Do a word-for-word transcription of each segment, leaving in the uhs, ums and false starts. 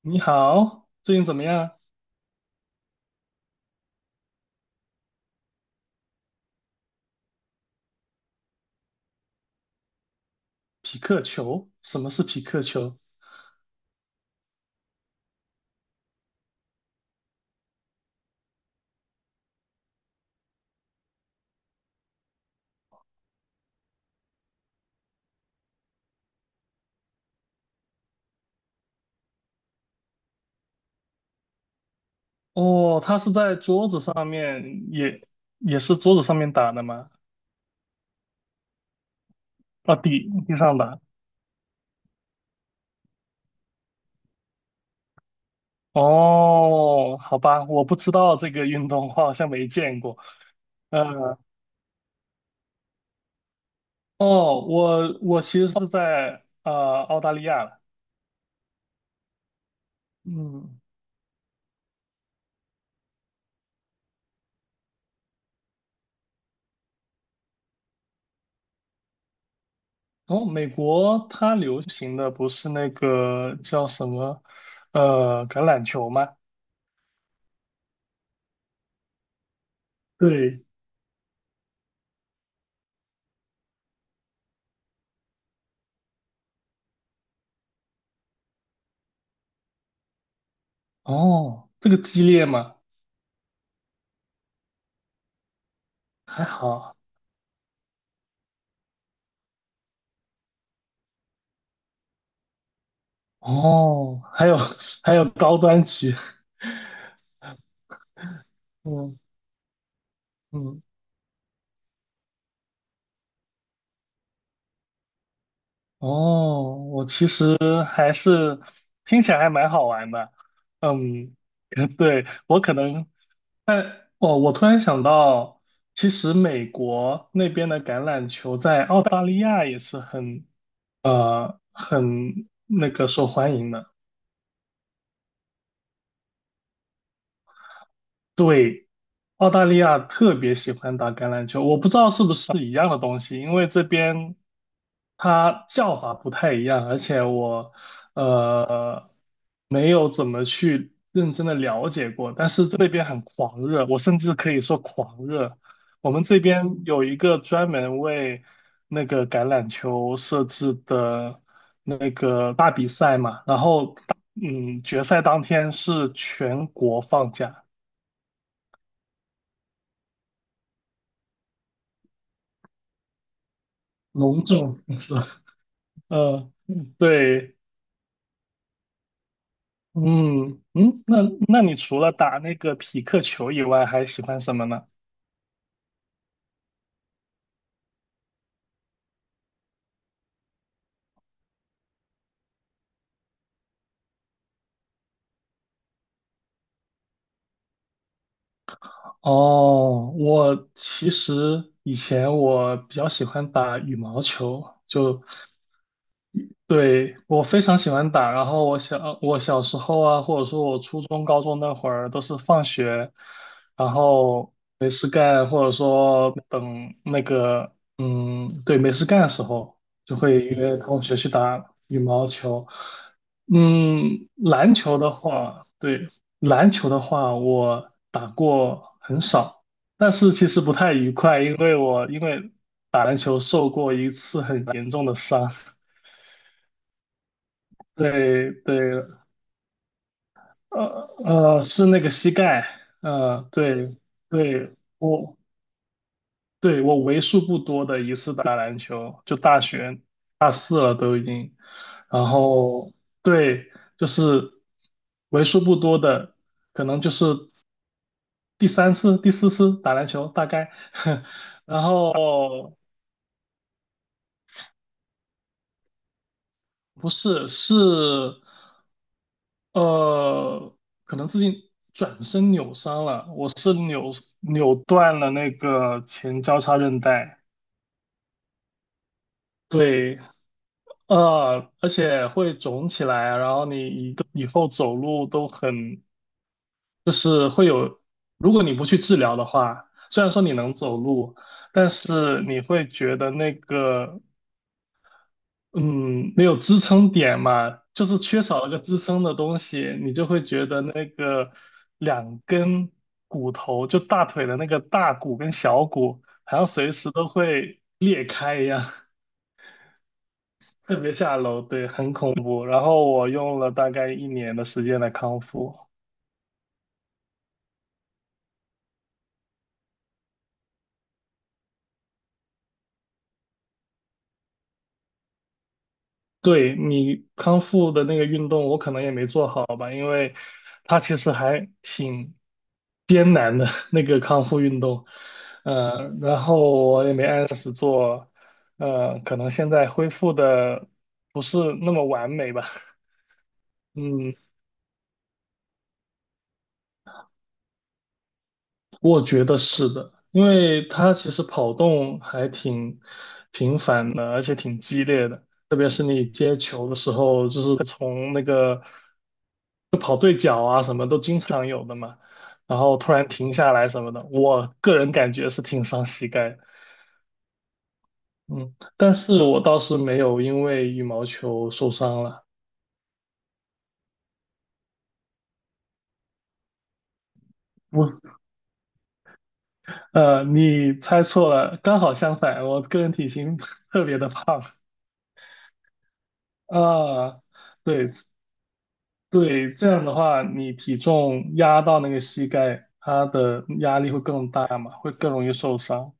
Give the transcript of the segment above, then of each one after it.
你好，最近怎么样？匹克球？什么是匹克球？哦，它是在桌子上面，也也是桌子上面打的吗？啊，地地上打。哦，好吧，我不知道这个运动，我好像没见过。呃，哦，我我其实是在呃澳大利亚的。嗯，哦，美国它流行的不是那个叫什么呃橄榄球吗？对，哦，这个激烈吗？还好哦，还有 还有高端局，嗯嗯，哦，我其实还是听起来还蛮好玩的，嗯，对，我可能，哦，我突然想到，其实美国那边的橄榄球在澳大利亚也是很很那个受欢迎的。对，澳大利亚特别喜欢打橄榄球，我不知道是不是一样的东西，因为这边它叫法不太一样，而且我呃没有怎么去认真的了解过，但是这边很狂热，我甚至可以说狂热。我们这边有一个专门为那个橄榄球设置的那个大比赛嘛，然后嗯决赛当天是全国放假。隆重是吧？嗯，对，嗯嗯，那那你除了打那个匹克球以外，还喜欢什么呢？哦，我其实以前我比较喜欢打羽毛球，就对，我非常喜欢打，然后我小我小时候啊，或者说我初中、高中那会儿，都是放学，然后没事干，或者说等那个，嗯，对，没事干的时候，就会约同学去打羽毛球。嗯，篮球的话，对，篮球的话，我打过很少，但是其实不太愉快，因为我因为打篮球受过一次很严重的伤。对对，呃呃，是那个膝盖，呃，对对，我对我为数不多的一次打篮球，就大学呃都已经，然后对，就是为数不多的，可能就是第三次、第四次打篮球大概，然后不是是呃，可能自己转身扭伤了，我是扭扭断了那个前交叉韧带，对，呃，而且会肿起来，然后你以以后走路都很，就是会有，如果你不去治疗的话，虽然说你能走路，但是你会觉得那个嗯，没有支撑点嘛，就是缺少了个支撑的东西，你就会觉得那个两根骨头，就大腿的那个大骨跟小骨，好像随时都会裂开一样，特别下楼，对，很恐怖。然后我用了大概一年的时间来康复。对你康复的那个运动，我可能也没做好吧，因为它其实还挺艰难的 那个康复运动，嗯，然后我也没按时做，呃，可能现在恢复的不是那么完美吧，嗯。我觉得是的，因为他其实跑动还挺频繁的，而且挺激烈的，特别是你接球的时候，就是从那个就跑对角啊什么都经常有的嘛，然后突然停下来什么的，我个人感觉是挺伤膝盖的，嗯，但是我倒是没有因为羽毛球受伤了。我，呃，你猜错了，刚好相反，我个人体型 特别的胖啊，对，对，这样的话，你体重压到那个膝盖，它的压力会更大嘛，会更容易受伤。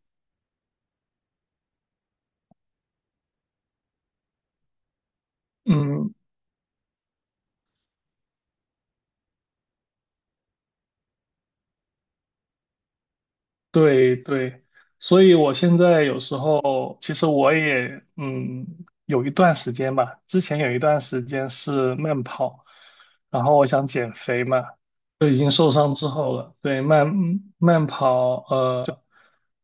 嗯，对对，所以我现在有时候，其实我也嗯，有一段时间吧，之前有一段时间是慢跑，然后我想减肥嘛，就已经受伤之后了，对，慢慢跑，呃。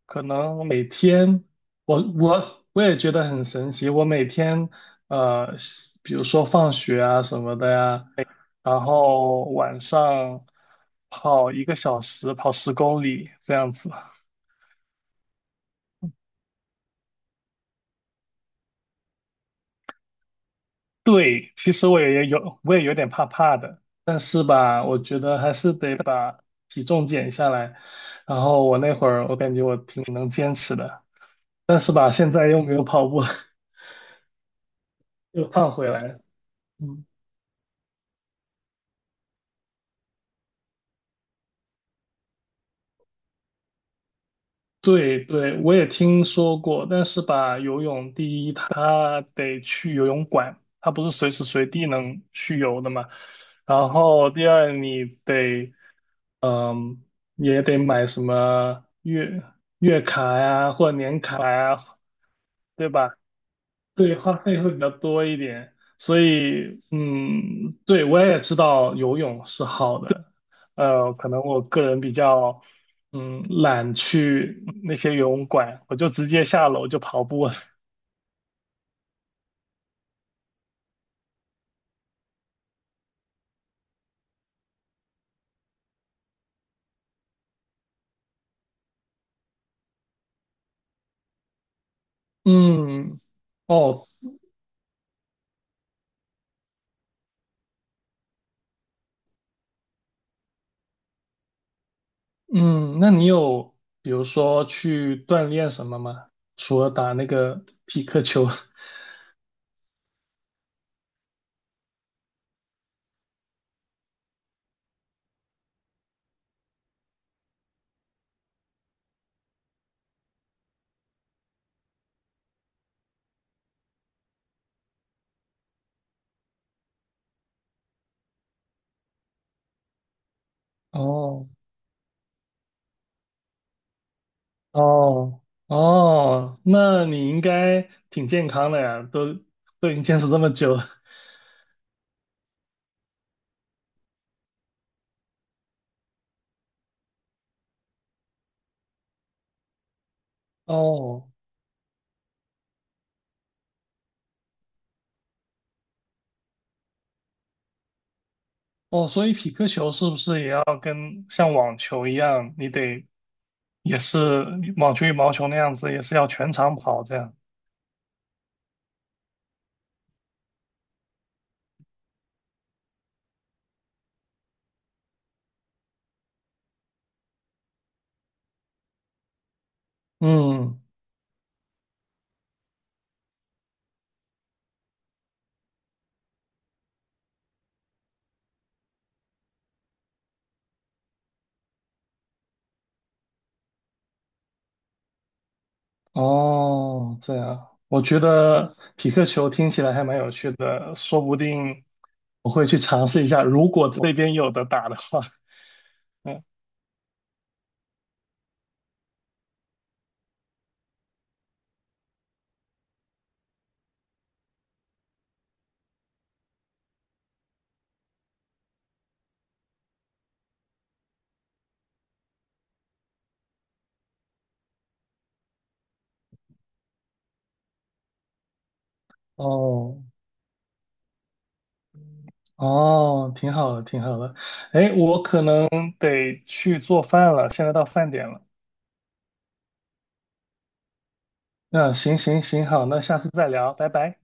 可能每天，我我我也觉得很神奇。我每天，呃，比如说放学啊什么的呀，然后晚上跑一个小时，跑十公里这样子。对，其实我也有，我也有点怕怕的，但是吧，我觉得还是得把体重减下来。然后我那会儿，我感觉我挺能坚持的，但是吧，现在又没有跑步了又胖回来了。嗯对对，我也听说过，但是吧，游泳第一，它得去游泳馆，它不是随时随地能去游的嘛。然后第二，你得嗯，也得买什么月月卡呀，或者年卡呀，对吧？对，花费会比较多一点，所以，嗯，对，我也知道游泳是好的，呃，可能我个人比较，嗯，懒去那些游泳馆，我就直接下楼就跑步了。嗯，哦，嗯，那你有比如说去锻炼什么吗？除了打那个匹克球？哦，哦哦，那你应该挺健康的呀，都都已经坚持这么久了。哦哦，所以匹克球是不是也要跟像网球一样，你得也是网球、羽毛球那样子，也是要全场跑这样？嗯，哦，这样，我觉得匹克球听起来还蛮有趣的，说不定我会去尝试一下，如果这边有的打的话。嗯，哦。哦，挺好的，挺好的。哎，我可能得去做饭了，现在到饭点了。嗯，行行行，好，那下次再聊，拜拜。